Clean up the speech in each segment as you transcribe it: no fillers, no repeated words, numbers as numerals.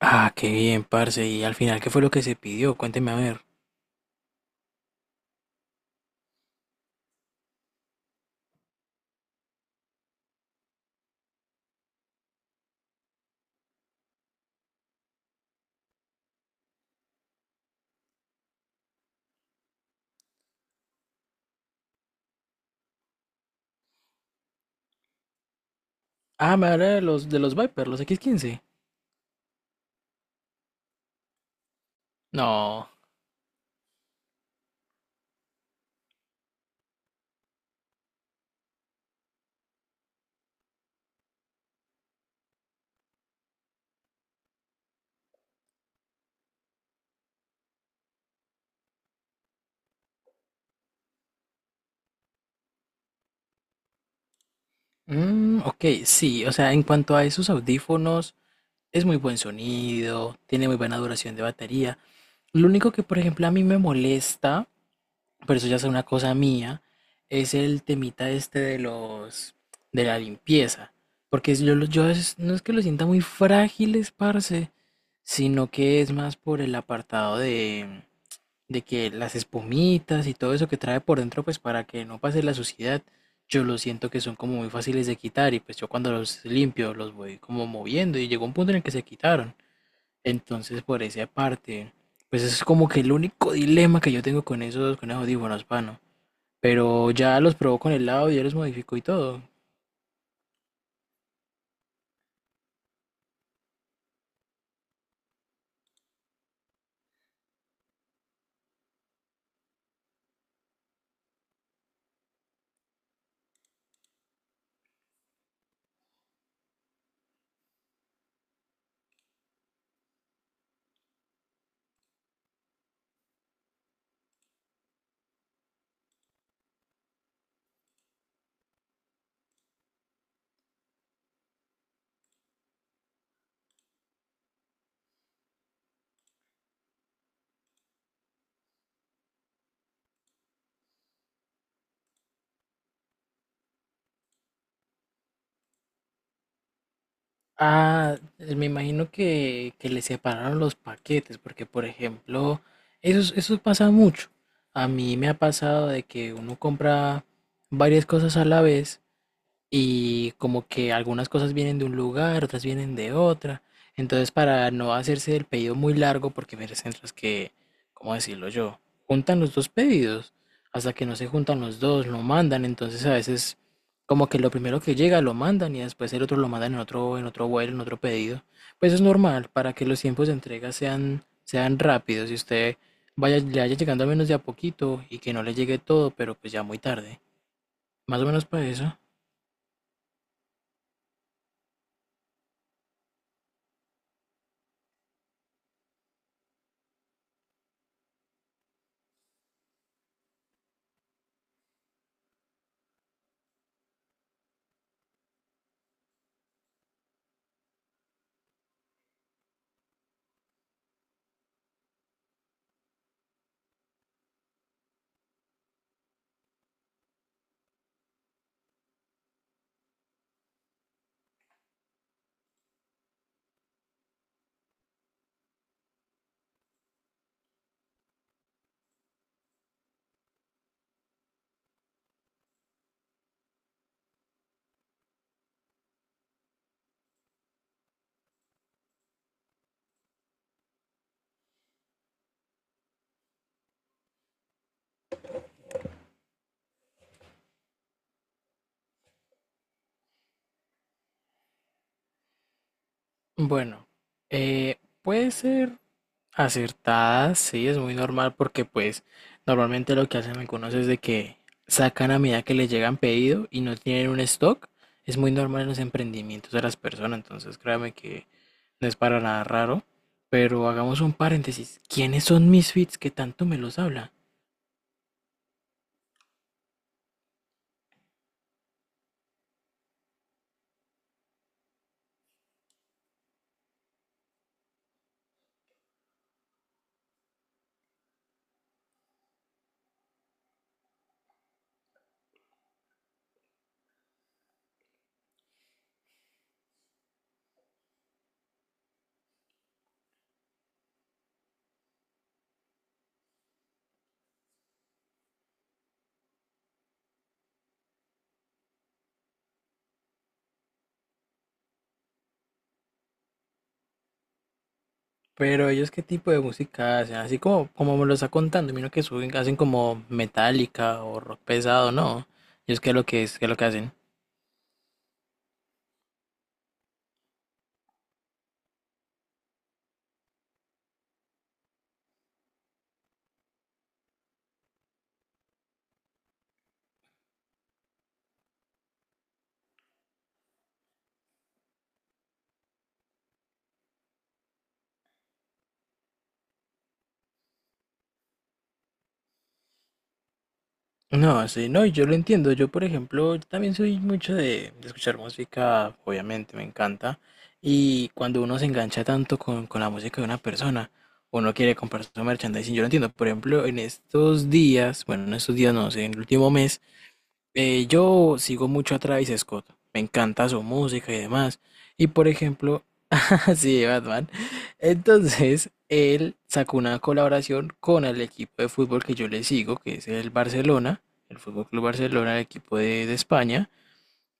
Ah, qué bien, parce. ¿Y al final qué fue lo que se pidió? Cuénteme a ver. Ah, me habla de los Viper, los X15? No. Ok, sí. O sea, en cuanto a esos audífonos, es muy buen sonido, tiene muy buena duración de batería. Lo único que, por ejemplo, a mí me molesta, pero eso ya es una cosa mía, es el temita este de de la limpieza. Yo, no es que los sienta muy frágiles, parce, sino que es más por el apartado de que las espumitas y todo eso que trae por dentro, pues para que no pase la suciedad, yo lo siento que son como muy fáciles de quitar y pues yo cuando los limpio los voy como moviendo y llegó un punto en el que se quitaron. Entonces por esa parte, pues eso es como que el único dilema que yo tengo con esos audífonos, mano. Pero ya los probó con el lado, ya los modificó y todo. Ah, me imagino que le separaron los paquetes, porque por ejemplo, eso, eso pasa mucho. A mí me ha pasado de que uno compra varias cosas a la vez y como que algunas cosas vienen de un lugar, otras vienen de otra. Entonces, para no hacerse el pedido muy largo, porque hay centros que, ¿cómo decirlo yo? Juntan los dos pedidos, hasta que no se juntan los dos, lo mandan, entonces a veces como que lo primero que llega lo mandan y después el otro lo mandan en otro vuelo, en otro pedido. Pues es normal, para que los tiempos de entrega sean rápidos y usted le vaya llegando al menos de a poquito y que no le llegue todo, pero pues ya muy tarde. Más o menos para eso. Bueno, puede ser acertada, sí, es muy normal porque pues normalmente lo que hacen algunos es de que sacan a medida que les llegan pedido y no tienen un stock. Es muy normal en los emprendimientos de las personas, entonces créame que no es para nada raro. Pero hagamos un paréntesis. ¿Quiénes son Misfits que tanto me los habla? Pero ellos qué tipo de música hacen, así como me lo está contando. Mira que suben, hacen como metálica o rock pesado, ¿no? Ellos qué es lo que es, qué es lo que hacen. No, sí, no, y yo lo entiendo. Yo, por ejemplo, también soy mucho de escuchar música, obviamente, me encanta. Y cuando uno se engancha tanto con la música de una persona, uno quiere comprar su merchandising. Yo lo entiendo. Por ejemplo, en estos días, bueno, en estos días no sé, en el último mes, yo sigo mucho a Travis Scott. Me encanta su música y demás. Y, por ejemplo, sí, Batman. Entonces, él sacó una colaboración con el equipo de fútbol que yo le sigo, que es el Barcelona, el Fútbol Club Barcelona, el equipo de España.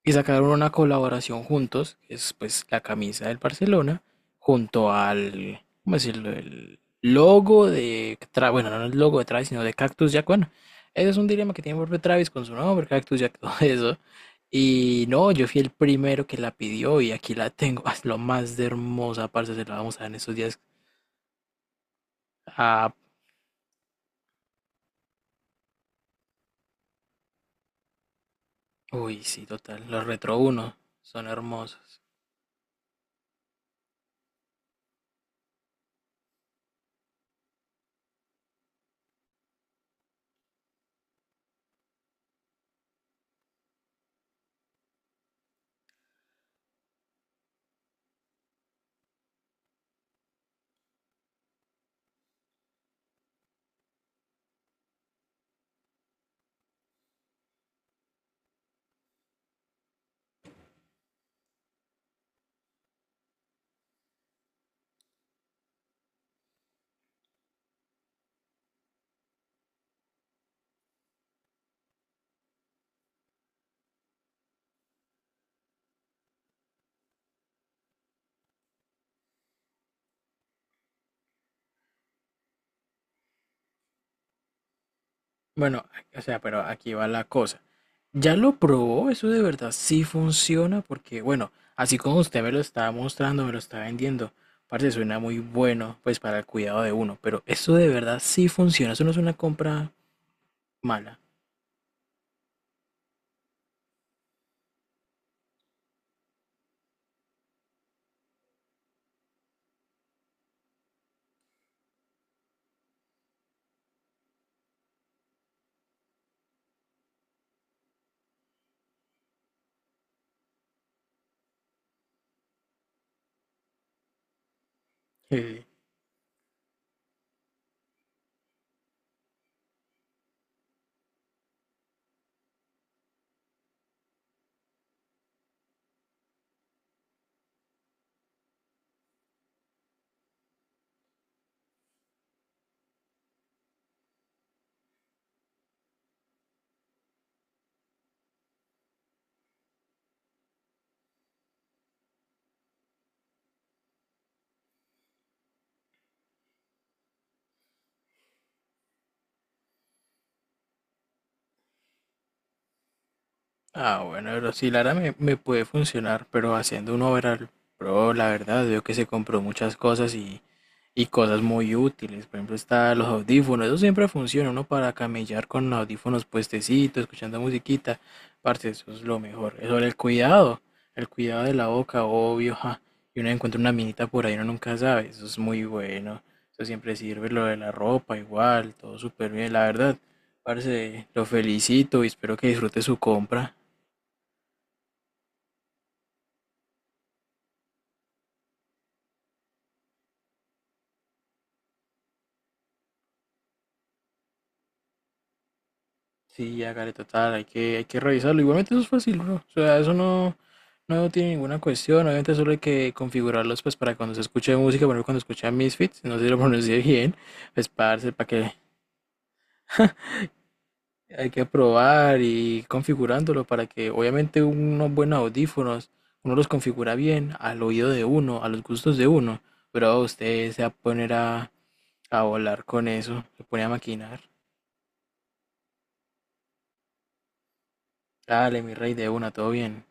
Y sacaron una colaboración juntos, que es pues la camisa del Barcelona, junto al, ¿cómo decirlo? El logo de, bueno, no el logo de Travis, sino de Cactus Jack. Bueno, ese es un dilema que tiene el propio Travis con su nombre, Cactus Jack, todo eso. Y no, yo fui el primero que la pidió y aquí la tengo. Es lo más de hermosa, parce, se la vamos a dar en estos días. Ah, uy, sí, total, los Retro uno son hermosos. Bueno, o sea, pero aquí va la cosa. ¿Ya lo probó? ¿Eso de verdad sí funciona? Porque, bueno, así como usted me lo está mostrando, me lo está vendiendo, parece suena muy bueno, pues para el cuidado de uno, pero eso de verdad sí funciona, eso no es una compra mala. Sí. Ah, bueno, pero sí, Lara me, me puede funcionar, pero haciendo un overall, pero la verdad, veo que se compró muchas cosas y cosas muy útiles. Por ejemplo, está los audífonos. Eso siempre funciona, uno para camellar con audífonos puestecitos, escuchando musiquita. Parce, eso es lo mejor. Sobre el cuidado de la boca, obvio, ja. Y uno encuentra una minita por ahí, uno nunca sabe. Eso es muy bueno. Eso siempre sirve. Lo de la ropa, igual, todo súper bien. La verdad, parce, lo felicito y espero que disfrute su compra. Sí, hágale total, hay que revisarlo. Igualmente eso es fácil, bro. O sea, eso no, no tiene ninguna cuestión. Obviamente solo hay que configurarlos pues para cuando se escuche música, por ejemplo, cuando escucha Misfits, no sé si lo pronuncié bien, pues parce, para que hay que probar y ir configurándolo para que obviamente unos buenos audífonos, uno los configura bien al oído de uno, a los gustos de uno. Pero usted se va a poner a volar con eso, se pone a maquinar. Dale, mi rey, de una, todo bien.